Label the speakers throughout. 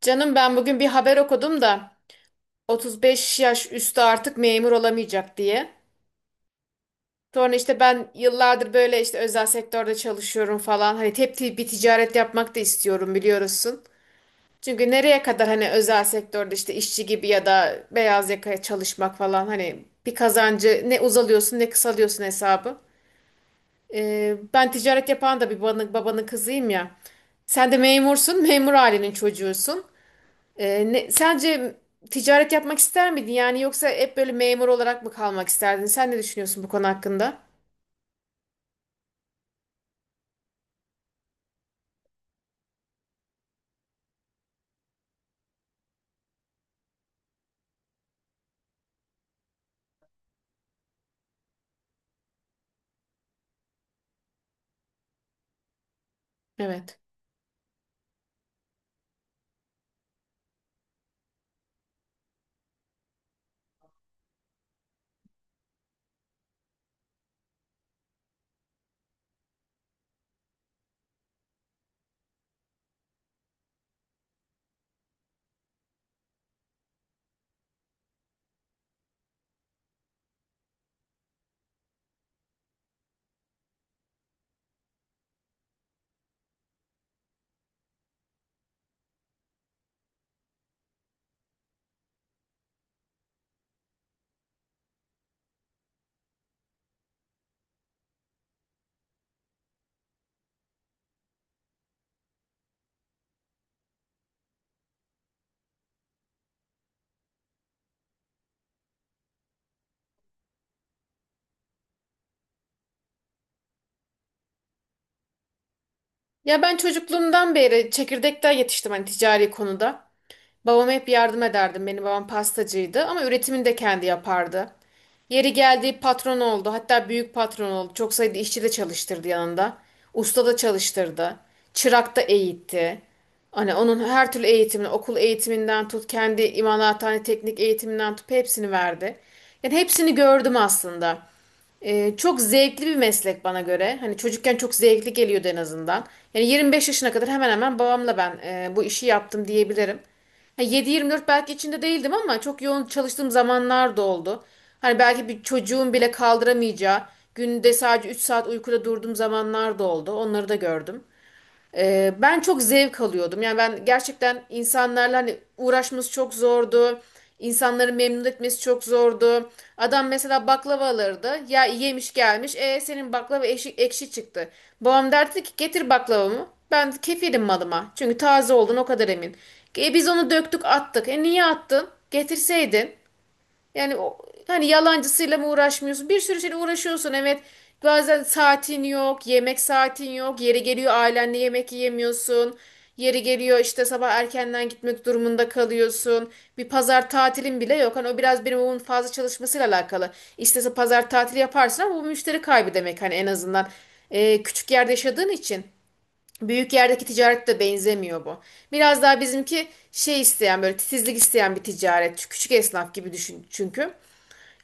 Speaker 1: Canım ben bugün bir haber okudum da 35 yaş üstü artık memur olamayacak diye. Sonra işte ben yıllardır böyle işte özel sektörde çalışıyorum falan. Hani hep bir ticaret yapmak da istiyorum biliyorsun. Çünkü nereye kadar hani özel sektörde işte işçi gibi ya da beyaz yakaya çalışmak falan hani bir kazancı ne uzalıyorsun ne kısalıyorsun hesabı. Ben ticaret yapan da bir babanın kızıyım ya. Sen de memursun, memur ailenin çocuğusun. Sence ticaret yapmak ister miydin? Yani yoksa hep böyle memur olarak mı kalmak isterdin? Sen ne düşünüyorsun bu konu hakkında? Evet. Ya ben çocukluğumdan beri çekirdekten yetiştim hani ticari konuda. Babama hep yardım ederdim. Benim babam pastacıydı ama üretimini de kendi yapardı. Yeri geldi patron oldu. Hatta büyük patron oldu. Çok sayıda işçi de çalıştırdı yanında. Usta da çalıştırdı. Çırak da eğitti. Hani onun her türlü eğitimini, okul eğitiminden tut, kendi imalathane teknik eğitiminden tut hepsini verdi. Yani hepsini gördüm aslında. Çok zevkli bir meslek bana göre. Hani çocukken çok zevkli geliyordu en azından. Yani 25 yaşına kadar hemen hemen babamla ben bu işi yaptım diyebilirim. Yani 7-24 belki içinde değildim ama çok yoğun çalıştığım zamanlar da oldu. Hani belki bir çocuğun bile kaldıramayacağı, günde sadece 3 saat uykuda durduğum zamanlar da oldu. Onları da gördüm. Ben çok zevk alıyordum. Yani ben gerçekten insanlarla hani uğraşması çok zordu. İnsanları memnun etmesi çok zordu. Adam mesela baklava alırdı. Ya yemiş gelmiş. E senin baklava ekşi çıktı. Babam derdi ki getir baklavamı. Ben kefilim malıma. Çünkü taze oldun o kadar emin. E biz onu döktük attık. E niye attın? Getirseydin. Yani o, hani yalancısıyla mı uğraşmıyorsun? Bir sürü şeyle uğraşıyorsun evet. Bazen saatin yok, yemek saatin yok. Yeri geliyor ailenle yemek yiyemiyorsun. Yeri geliyor işte sabah erkenden gitmek durumunda kalıyorsun. Bir pazar tatilin bile yok. Hani o biraz benim babamın fazla çalışmasıyla alakalı. İstese pazar tatili yaparsın ama bu müşteri kaybı demek hani en azından. Küçük yerde yaşadığın için. Büyük yerdeki ticaret de benzemiyor bu. Biraz daha bizimki şey isteyen böyle titizlik isteyen bir ticaret. Küçük esnaf gibi düşün çünkü.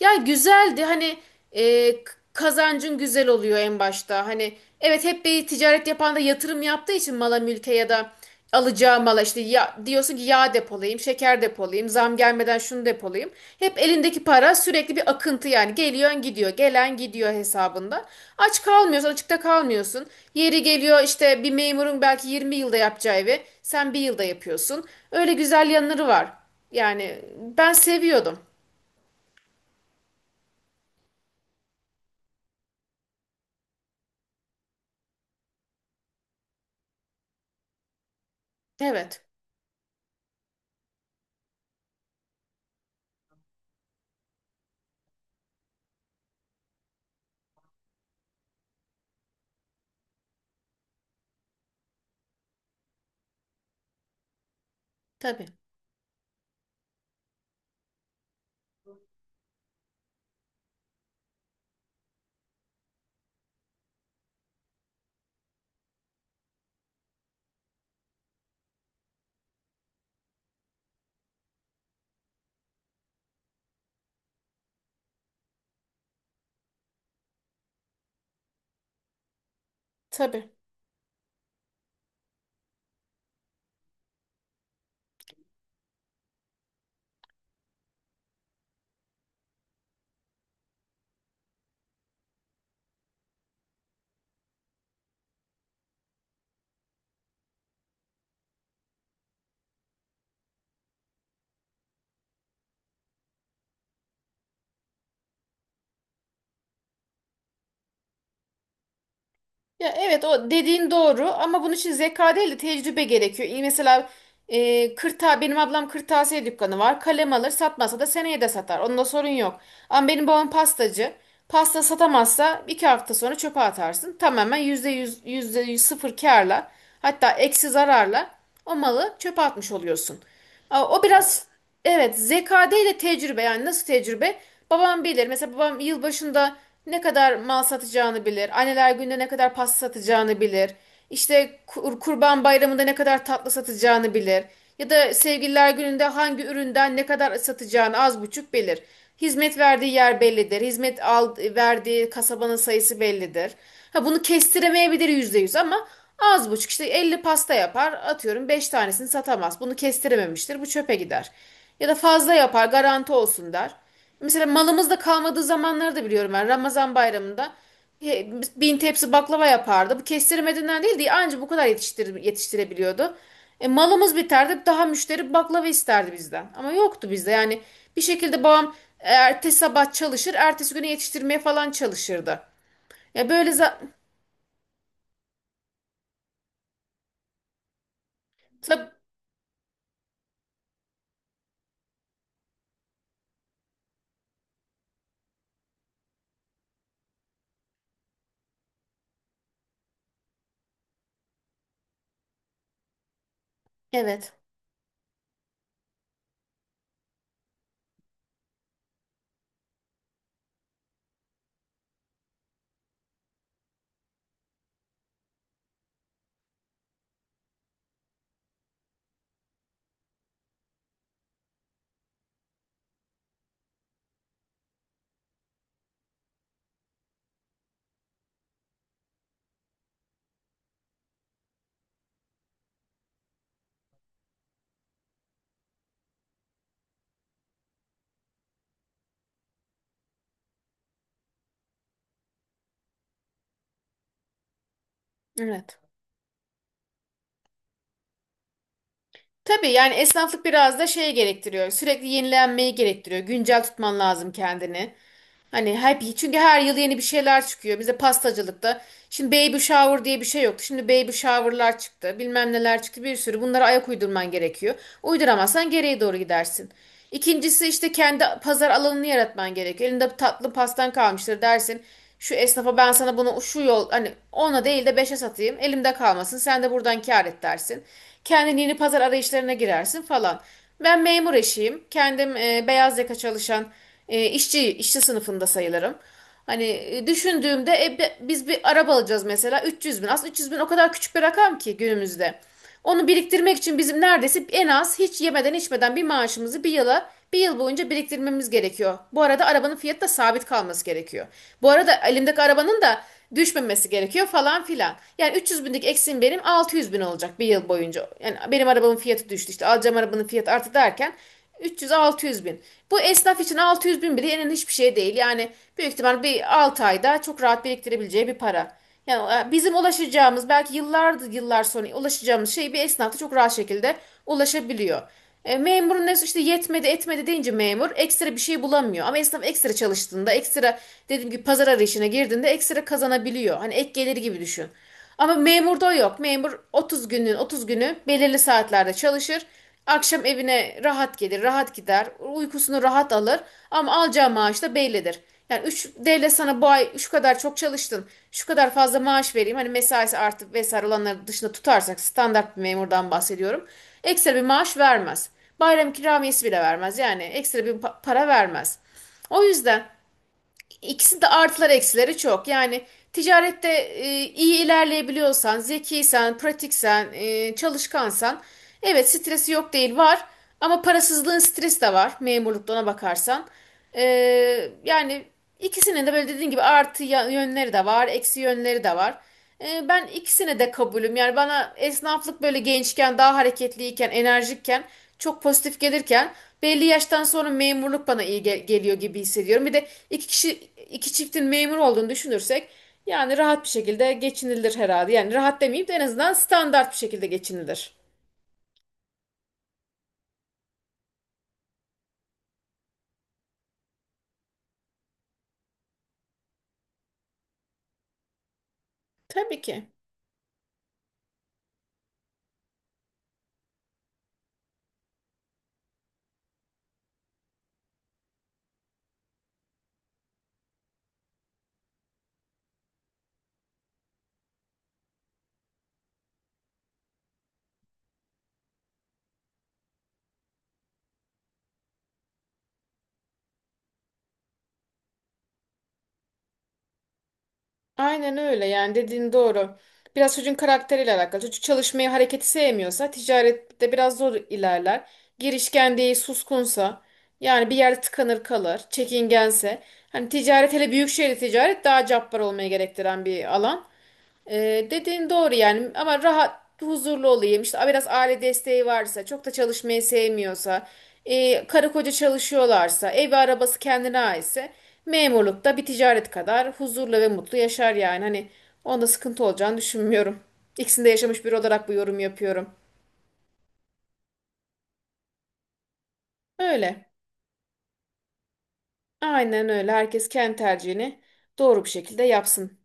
Speaker 1: Ya güzeldi hani kazancın güzel oluyor en başta. Hani evet hep bir ticaret yapan da yatırım yaptığı için mala mülke ya da alacağı mala işte ya, diyorsun ki yağ depolayayım, şeker depolayayım, zam gelmeden şunu depolayayım. Hep elindeki para sürekli bir akıntı yani geliyor gidiyor, gelen gidiyor hesabında. Aç kalmıyorsun, açıkta kalmıyorsun. Yeri geliyor işte bir memurun belki 20 yılda yapacağı evi sen bir yılda yapıyorsun. Öyle güzel yanları var. Yani ben seviyordum. Evet. Tabii. Tabii. Ya evet o dediğin doğru ama bunun için zeka değil de tecrübe gerekiyor. Mesela e, kırta benim ablam kırtasiye dükkanı var. Kalem alır satmasa da seneye de satar. Onda sorun yok. Ama benim babam pastacı. Pasta satamazsa 2 hafta sonra çöpe atarsın. Tamamen yüzde yüz sıfır kârla hatta eksi zararla o malı çöpe atmış oluyorsun. Aa, O biraz Evet, zekade ile tecrübe yani nasıl tecrübe? Babam bilir. Mesela babam yılbaşında ne kadar mal satacağını bilir. Anneler Günü'nde ne kadar pasta satacağını bilir. İşte Kurban Bayramı'nda ne kadar tatlı satacağını bilir. Ya da Sevgililer Günü'nde hangi üründen ne kadar satacağını az buçuk bilir. Hizmet verdiği yer bellidir. Verdiği kasabanın sayısı bellidir. Ha bunu kestiremeyebilir %100 ama az buçuk işte 50 pasta yapar atıyorum 5 tanesini satamaz. Bunu kestirememiştir bu çöpe gider. Ya da fazla yapar garanti olsun der. Mesela malımızda kalmadığı zamanları da biliyorum ben Ramazan bayramında e, 1.000 tepsi baklava yapardı. Bu kestiremediğinden değil diye anca bu kadar yetiştirebiliyordu. E, malımız biterdi daha müşteri baklava isterdi bizden ama yoktu bizde yani bir şekilde babam ertesi sabah çalışır ertesi güne yetiştirmeye falan çalışırdı. Ya böyle za- Tab evet. Evet. Tabii yani esnaflık biraz da şey gerektiriyor. Sürekli yenilenmeyi gerektiriyor. Güncel tutman lazım kendini. Hani hep çünkü her yıl yeni bir şeyler çıkıyor. Bize pastacılıkta. Şimdi baby shower diye bir şey yoktu. Şimdi baby shower'lar çıktı. Bilmem neler çıktı. Bir sürü. Bunlara ayak uydurman gerekiyor. Uyduramazsan geriye doğru gidersin. İkincisi işte kendi pazar alanını yaratman gerekiyor. Elinde tatlı pastan kalmıştır dersin. Şu esnafa ben sana bunu şu yol hani ona değil de beşe satayım. Elimde kalmasın. Sen de buradan kâr et dersin. Kendin yeni pazar arayışlarına girersin falan. Ben memur eşiyim. Kendim beyaz yaka çalışan işçi sınıfında sayılırım. Hani düşündüğümde biz bir araba alacağız mesela 300 bin. Aslında 300 bin o kadar küçük bir rakam ki günümüzde. Onu biriktirmek için bizim neredeyse en az hiç yemeden içmeden bir maaşımızı bir yıl boyunca biriktirmemiz gerekiyor. Bu arada arabanın fiyatı da sabit kalması gerekiyor. Bu arada elimdeki arabanın da düşmemesi gerekiyor falan filan. Yani 300 binlik eksiğim benim 600 bin olacak bir yıl boyunca. Yani benim arabamın fiyatı düştü işte alacağım arabanın fiyatı arttı derken 300-600 bin. Bu esnaf için 600 bin bile yenen hiçbir şey değil. Yani büyük ihtimal bir 6 ayda çok rahat biriktirebileceği bir para. Yani bizim ulaşacağımız belki yıllardır yıllar sonra ulaşacağımız şey bir esnaf çok rahat şekilde ulaşabiliyor. Memurun ne işte yetmedi etmedi deyince memur ekstra bir şey bulamıyor. Ama esnaf ekstra çalıştığında ekstra dediğim gibi pazar arayışına girdiğinde ekstra kazanabiliyor. Hani ek geliri gibi düşün. Ama memurda yok. Memur 30 günün 30 günü belirli saatlerde çalışır. Akşam evine rahat gelir, rahat gider, uykusunu rahat alır ama alacağı maaş da bellidir. Yani üç devlet sana bu ay şu kadar çok çalıştın, şu kadar fazla maaş vereyim. Hani mesaisi artıp vesaire olanları dışında tutarsak standart bir memurdan bahsediyorum. Ekstra bir maaş vermez. Bayram ikramiyesi bile vermez. Yani ekstra bir para vermez. O yüzden İkisi de artıları eksileri çok. Yani ticarette iyi ilerleyebiliyorsan, zekiysen, pratiksen, çalışkansan evet stresi yok değil var. Ama parasızlığın stresi de var memurlukta ona bakarsan. E, yani ikisinin de böyle dediğin gibi artı yönleri de var, eksi yönleri de var. Ben ikisine de kabulüm. Yani bana esnaflık böyle gençken, daha hareketliyken, enerjikken, çok pozitif gelirken belli yaştan sonra memurluk bana iyi geliyor gibi hissediyorum. Bir de iki çiftin memur olduğunu düşünürsek yani rahat bir şekilde geçinilir herhalde. Yani rahat demeyeyim de en azından standart bir şekilde geçinilir. Tabii ki. Aynen öyle yani dediğin doğru. Biraz çocuğun karakteriyle alakalı. Çocuk çalışmayı, hareketi sevmiyorsa ticarette biraz zor ilerler. Girişken değil, suskunsa yani bir yerde tıkanır kalır, çekingense. Hani ticaret hele büyük şehirde ticaret daha cabbar olmaya gerektiren bir alan. Dediğin doğru yani ama rahat huzurlu olayım işte biraz aile desteği varsa çok da çalışmayı sevmiyorsa karı koca çalışıyorlarsa evi arabası kendine aitse memurlukta bir ticaret kadar huzurlu ve mutlu yaşar yani hani onda sıkıntı olacağını düşünmüyorum. İkisinde yaşamış biri olarak bu yorum yapıyorum. Öyle aynen öyle herkes kendi tercihini doğru bir şekilde yapsın.